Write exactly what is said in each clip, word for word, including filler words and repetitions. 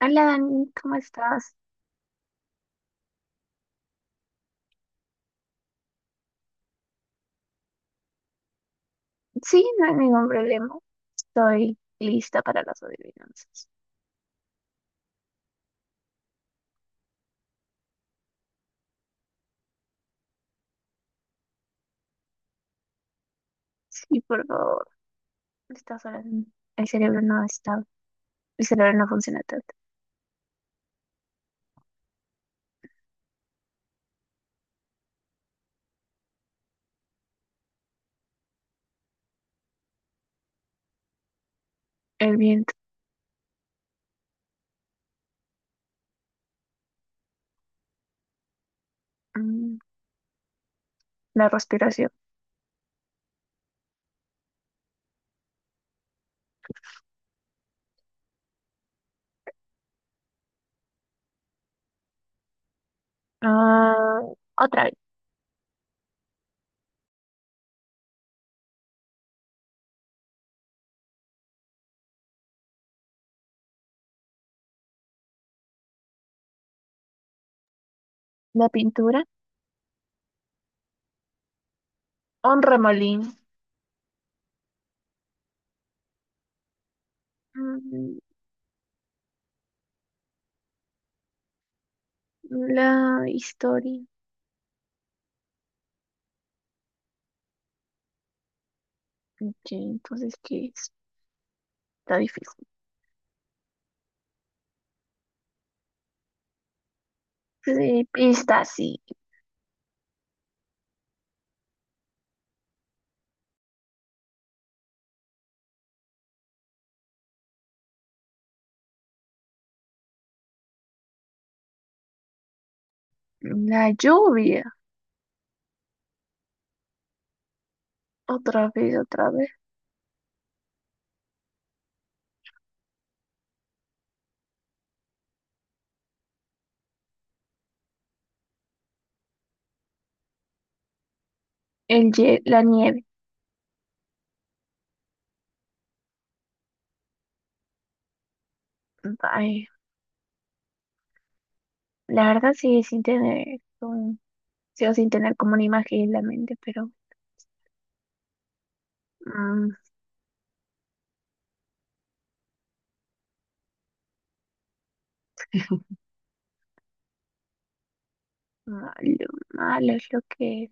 Hola Dani, ¿cómo estás? Sí, no hay ningún problema. Estoy lista para las adivinanzas. Sí, por favor. A estas horas mm, el cerebro no está, el cerebro no funciona tanto. El viento. mm, la respiración. Ah, otra vez, la pintura, un remolín, mm, la historia. Ok, entonces, ¿qué es? Está difícil. Sí, está así. La lluvia, otra vez, otra vez. El, hie- la nieve. Ay. La verdad sí, sin tener, un- sí, o sin tener como una imagen en la mente, pero mm, malo, malo es lo que,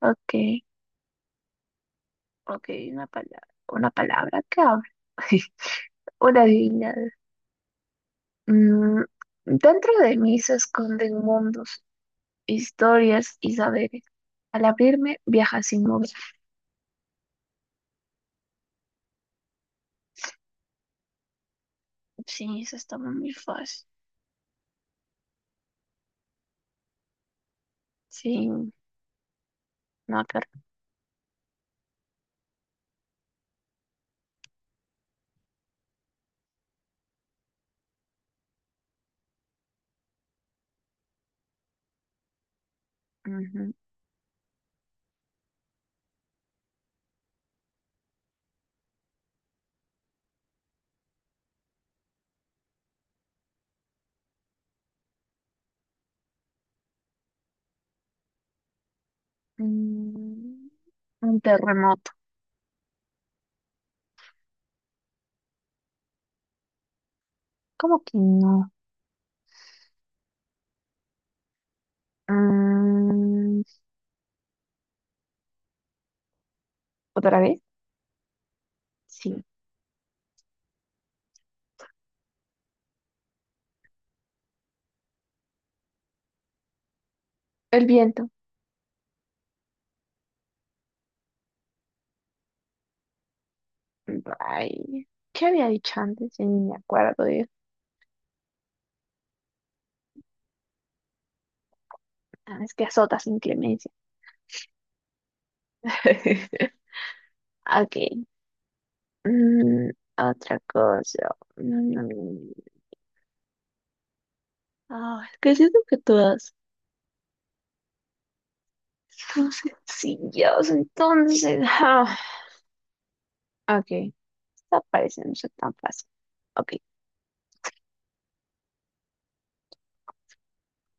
ok, ok, una palabra, una palabra que habla, una divinidad. Dentro de mí se esconden mundos, historias y saberes. Al abrirme, viaja sin mover. Sí, eso está muy fácil. Sí, no, pero, ujú. Mm, un terremoto. ¿Cómo que no? Mm. ¿Otra vez? Sí. El viento. Ay, ¿qué había dicho antes? Ya ni me acuerdo. Eh. Ah, es que azota sin clemencia. Ok. Mm, Otra cosa. Mm, mm. Ah, es que siento que todas son sencillas, entonces. Ah. Ok. Esta parece no ser tan fácil. Ok.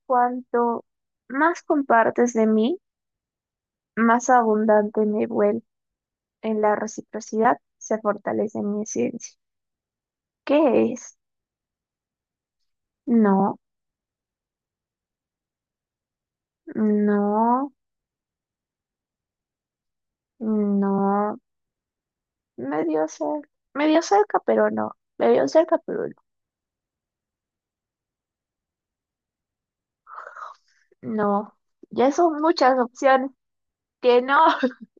Cuanto más compartes de mí, más abundante me vuelvo. En la reciprocidad se fortalece mi esencia. ¿Qué es? No, no, no, medio cerca, medio cerca, pero no, medio cerca, pero no. No, ya son muchas opciones que no.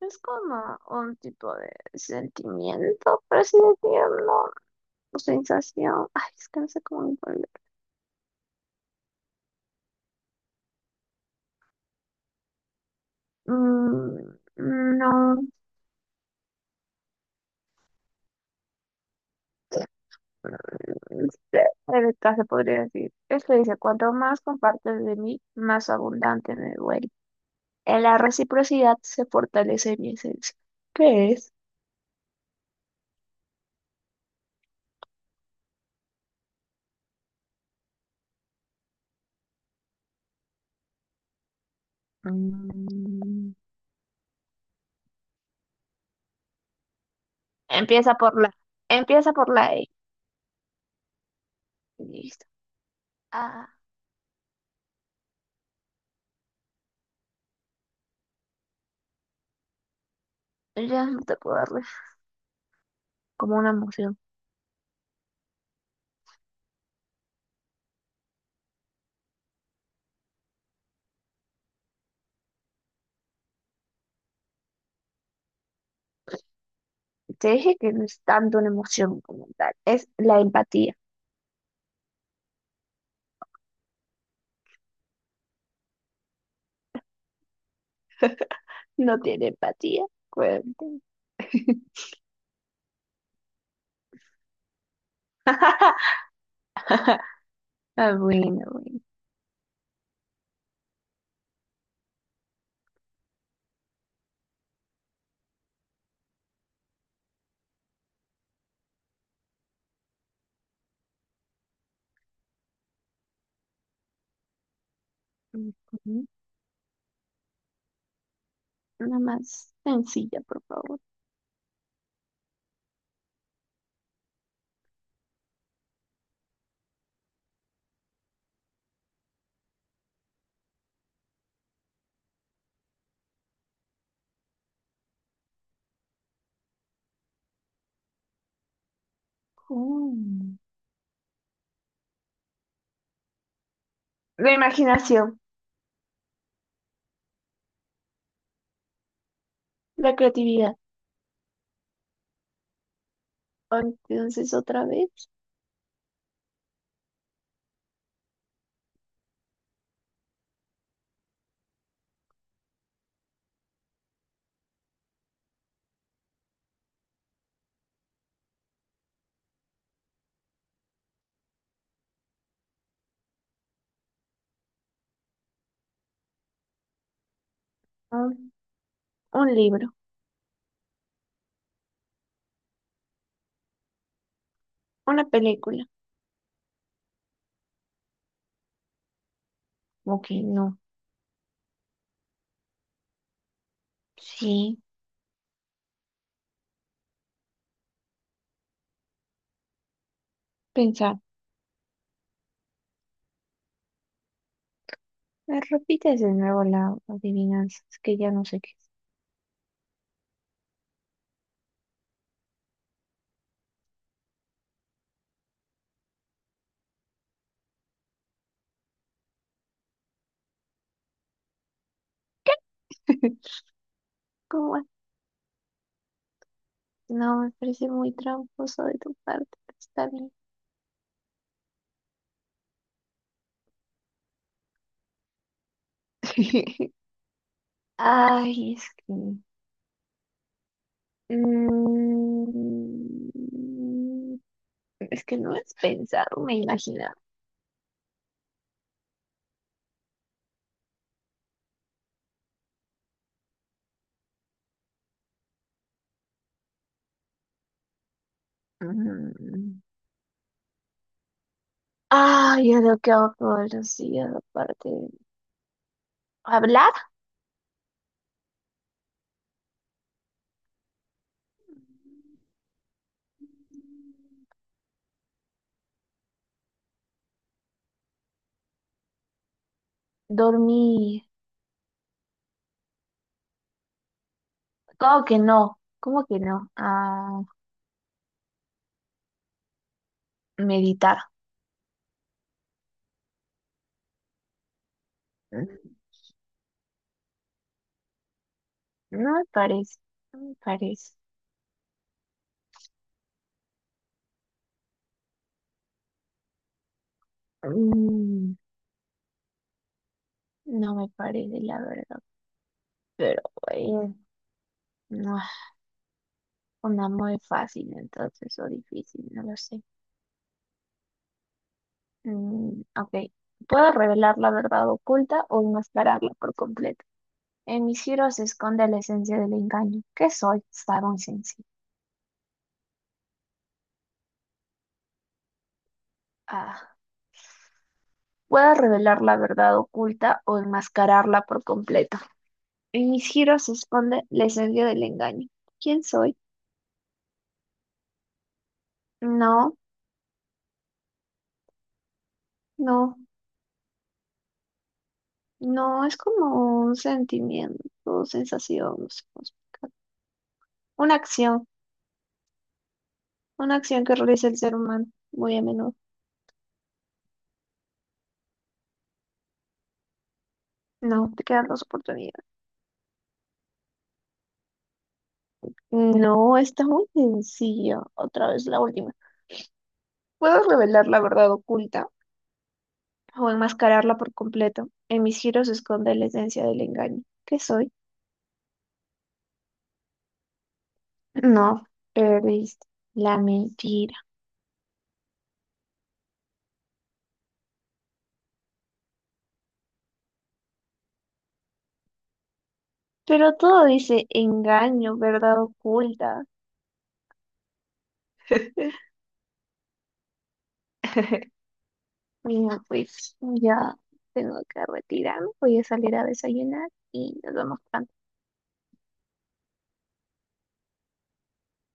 Es como un tipo de sentimiento, por así decirlo, o sensación. Ay, es que no sé cómo ponerlo. Mm, no, cerca se podría decir. Esto dice, cuanto más compartes de mí, más abundante me vuelvo. En la reciprocidad se fortalece mi esencia. ¿Qué es? Mm. Empieza por la. Empieza por la E. Listo. Ah, ya no te puedo darle como una emoción. Te dije que no es tanto una emoción como tal. Es la empatía. No tiene empatía. Cuenten. Ah, bueno, bueno. Ujú. Una más sencilla, por favor. Mm. La imaginación, la creatividad. Entonces, otra vez. Un libro, una película. Ok, no. Sí, pensar. Me repites de nuevo la adivinanza, es que ya no sé qué es. ¿Cómo es? No, me parece muy tramposo de tu parte, pero está bien. Ay, es que... mm, es que no es pensar, me imaginar. Mm. Ay, es lo que hago todos los días, aparte. ¿Hablar? Dormir. ¿Cómo que no? ¿Cómo que no? Ah, meditar. Mm, no me parece, no me parece. Mm, no me parece, la verdad. Pero bueno, no, es una muy fácil entonces o difícil, no lo sé. Mm, ok. Puedo revelar la verdad oculta o enmascararla por completo. En mis giros se esconde la esencia del engaño. ¿Qué soy? Estaba sencillo. Ah. Puedo revelar la verdad oculta o enmascararla por completo. En mis giros se esconde la esencia del engaño. ¿Quién soy? No, no, no es como un sentimiento, sensación, no sé cómo explicar. Una acción, una acción que realiza el ser humano muy a menudo. No, te quedan dos oportunidades. No, está muy sencilla. Otra vez la última. Puedo revelar la verdad oculta o enmascararla por completo. En mis giros se esconde la esencia del engaño. ¿Qué soy? No, perdiste. La mentira. Pero todo dice engaño, verdad oculta. Bueno, pues ya tengo que retirarme, voy a salir a desayunar y nos vemos pronto.